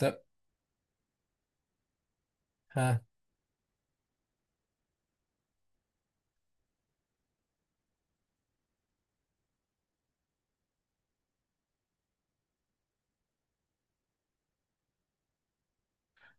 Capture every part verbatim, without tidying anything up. طب. ها.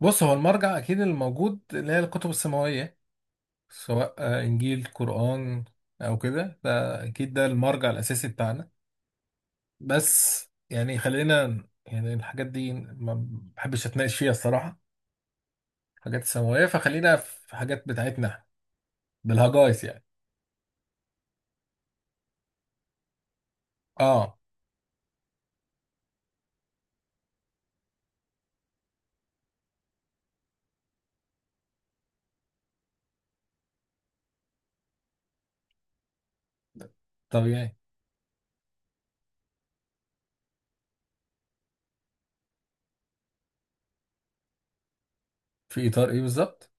بص، هو المرجع اكيد الموجود اللي هي الكتب السماويه، سواء آه، انجيل قران او كده. ده اكيد ده المرجع الاساسي بتاعنا. بس يعني خلينا يعني الحاجات دي ما بحبش اتناقش فيها الصراحه، حاجات السماويه، فخلينا في حاجات بتاعتنا إحنا، بالهجايس يعني. اه طبيعي. في اطار ايه بالظبط؟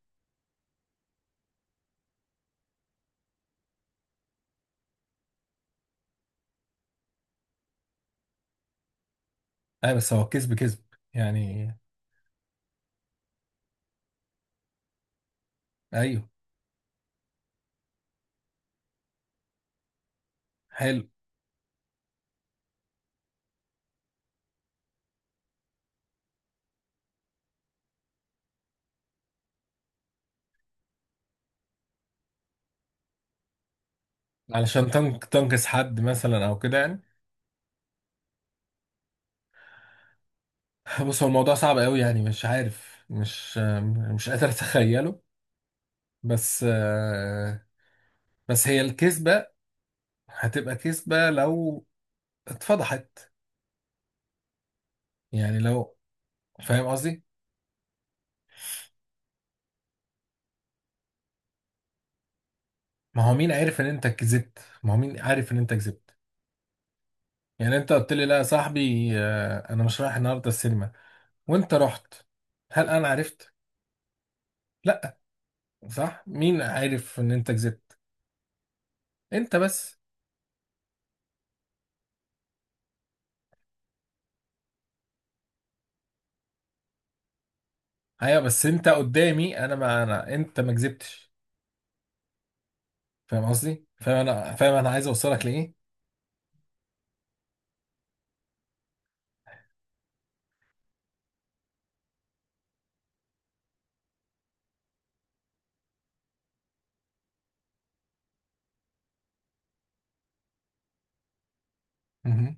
ايوه بس هو كذب كذب يعني. ايوه. حلو. علشان تنك تنكس حد مثلا او كده يعني. بص، هو الموضوع صعب قوي يعني، مش عارف مش مش قادر اتخيله، بس آه، بس هي الكذبة هتبقى كذبة لو اتفضحت. يعني لو، فاهم قصدي، ما هو مين عارف ان انت كذبت؟ ما هو مين عارف ان انت كذبت؟ يعني انت قلت لي لا يا صاحبي، آه، انا مش رايح النهارده السينما، وانت رحت. هل انا عرفت؟ لا. صح؟ مين عارف ان انت كذبت؟ انت بس. ايوه بس انت قدامي انا، ما انا انت ما كذبتش. فاهم قصدي؟ فاهم انا؟ فاهم انا عايز اوصلك لايه؟ مهم.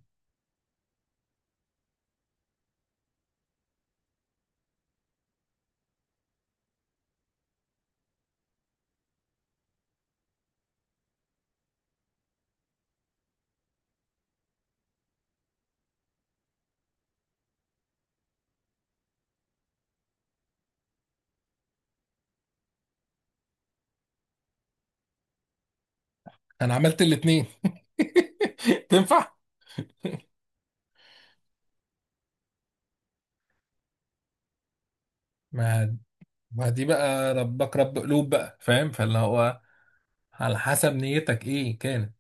انا عملت الاتنين. تنفع؟ ما ما دي بقى ربك رب قلوب بقى، فاهم؟ فاللي هو على حسب نيتك ايه كانت.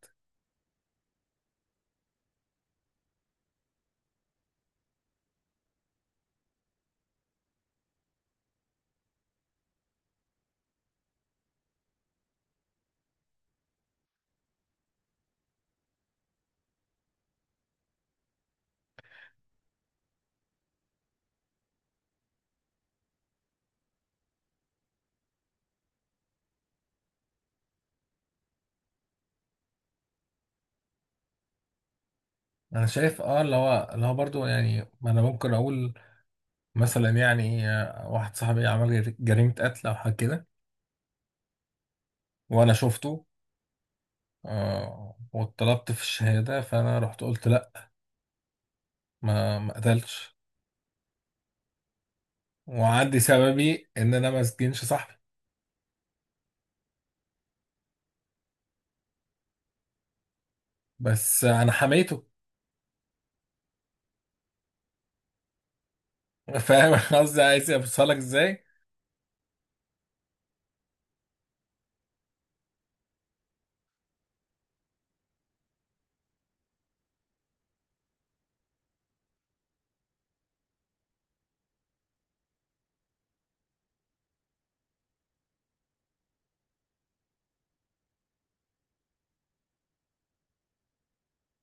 انا شايف اه، اللي هو اللي هو برضه يعني، ما انا ممكن اقول مثلا يعني، آه، واحد صاحبي عمل جر- جريمة قتل او حاجة كده، وانا شفته. آه، واتطلبت في الشهادة، فانا رحت قلت لا، ما ما قتلتش. وعندي سببي ان انا ما اسجنش صاحبي، بس انا حميته. فاهم أنا قصدي عايز اوصلك ازاي؟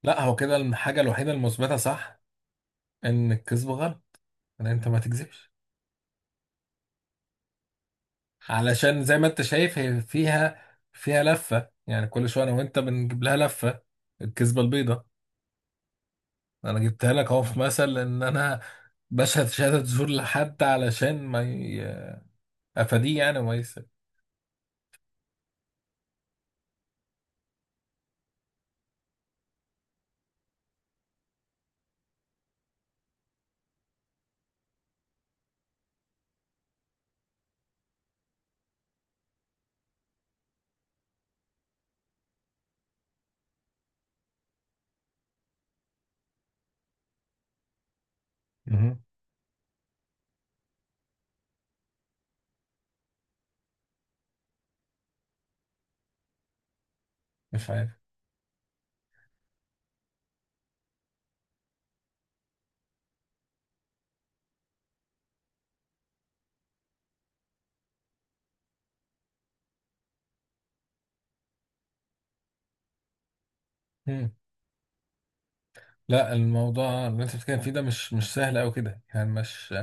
لا، هو كده الحاجه الوحيده المثبته صح، ان الكذب غلط، ان انت ما تكذبش. علشان زي ما انت شايف، هي فيها فيها لفه يعني. كل شويه انا وانت بنجيب لها لفه، الكذبه البيضاء. انا جبتها لك اهو، في مثل ان انا بشهد شهاده زور لحد علشان ما ي... افاديه يعني وما يس. مهم. مش عارف. مم. لا، الموضوع اللي انت بتتكلم فيه ده مش مش سهل قوي كده يعني. مش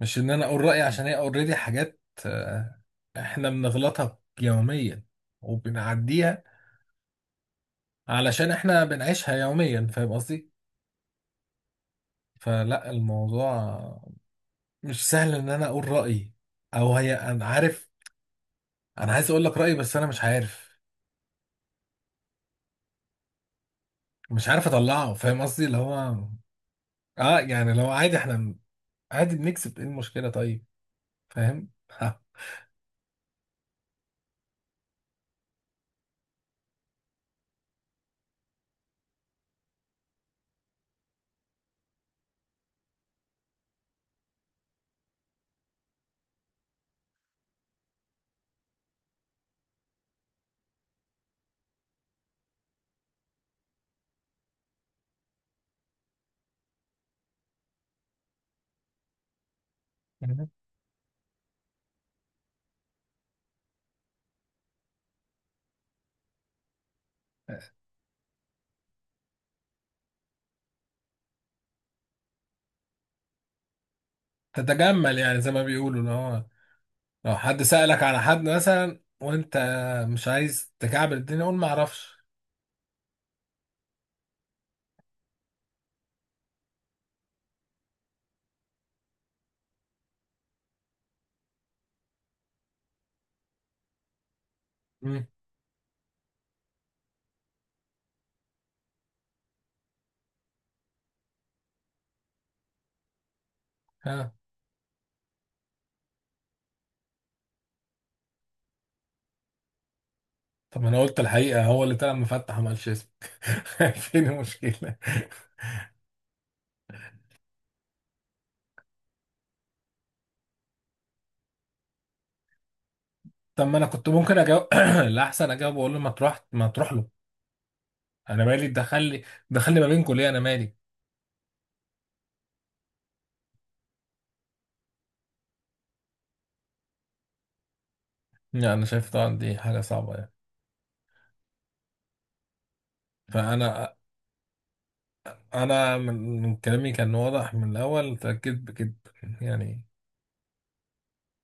مش ان انا اقول رايي، عشان هي اوريدي حاجات، آه، احنا بنغلطها يوميا وبنعديها علشان احنا بنعيشها يوميا. فاهم قصدي؟ فلا، الموضوع مش سهل ان انا اقول رايي. او هي انا عارف، انا عايز اقول لك رايي بس انا مش عارف، مش عارف اطلعه. فاهم قصدي؟ اللي هو اه يعني، لو عادي احنا، عادي، بنكسب ايه المشكله طيب، فاهم؟ تتجمل يعني، زي ما بيقولوا، اللي هو لو حد سألك على حد مثلا وانت مش عايز تكعبل الدنيا، قول ما اعرفش. مم. ها. طب ما انا قلت الحقيقة، هو اللي طلع مفتح وما قالش اسمك. فين المشكلة؟ طب ما انا كنت ممكن اجاوب، الاحسن اجاوب واقول له ما تروح ما تروح له. انا مالي دخلني؟ دخلني ما بينكم ليه؟ انا مالي؟ يعني انا شايف طبعا دي حاجة صعبة يعني. فانا، انا من من كلامي كان واضح من الاول، تأكد بكده يعني.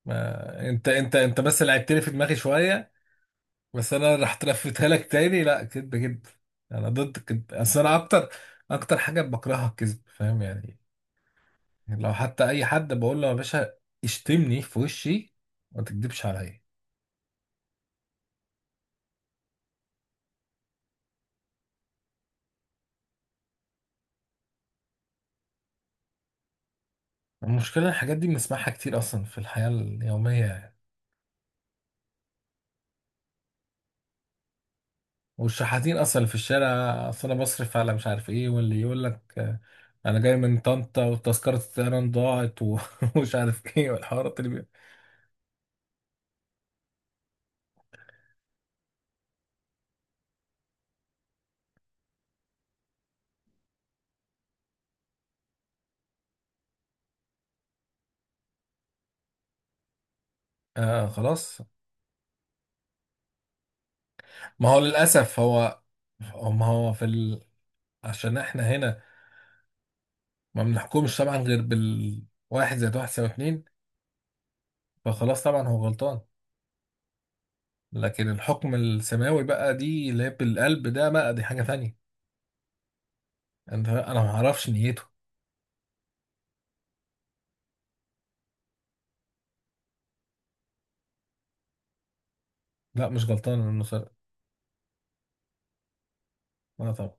ما انت انت انت بس لعبت لي في دماغي شوية. بس انا راح تلفتها لك تاني، لا، كدب كدب. انا ضد الكدب، اصل انا اكتر، اكتر حاجه بكرهها الكذب، فاهم يعني؟ لو حتى اي حد بقول له يا باشا اشتمني في وشي، ما تكدبش عليا. المشكله الحاجات دي بنسمعها كتير اصلا في الحياه اليوميه يعني. والشحاتين اصلا اللي في الشارع، اصل انا بصرف على مش عارف ايه، واللي يقول لك آه، انا جاي من طنطا وتذكره الطيران ضاعت و- ومش عارف ايه، والحوارات اللي بي... آه خلاص. ما هو للاسف هو، هو- ما هو في، عشان احنا هنا ما بنحكمش طبعا غير بالواحد زائد واحد يساوي اتنين. فخلاص طبعا هو غلطان، لكن الحكم السماوي بقى دي اللي هي بالقلب، ده بقى دي حاجة تانية، انت انا ما اعرفش نيته. لا، مش غلطان انه سرق. لا طبعا،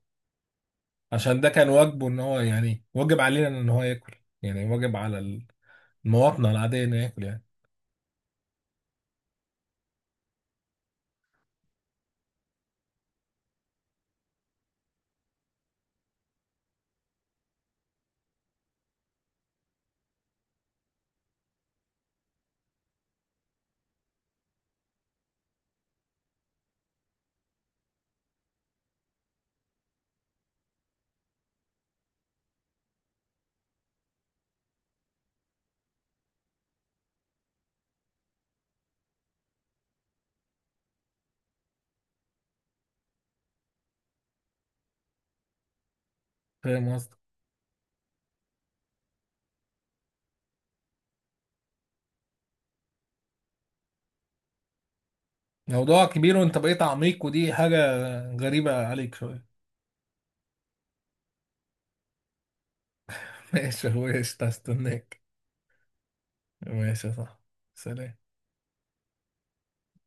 عشان ده كان واجبه ان هو، يعني واجب علينا ان هو ياكل، يعني واجب على المواطنة العادية انه ياكل يعني. فاهم قصدي؟ موضوع كبير، وانت بقيت عميق ودي حاجة غريبة عليك شوية. ماشي يا اخويا، قشطة، هستناك. ماشي يا صاحبي. سلام.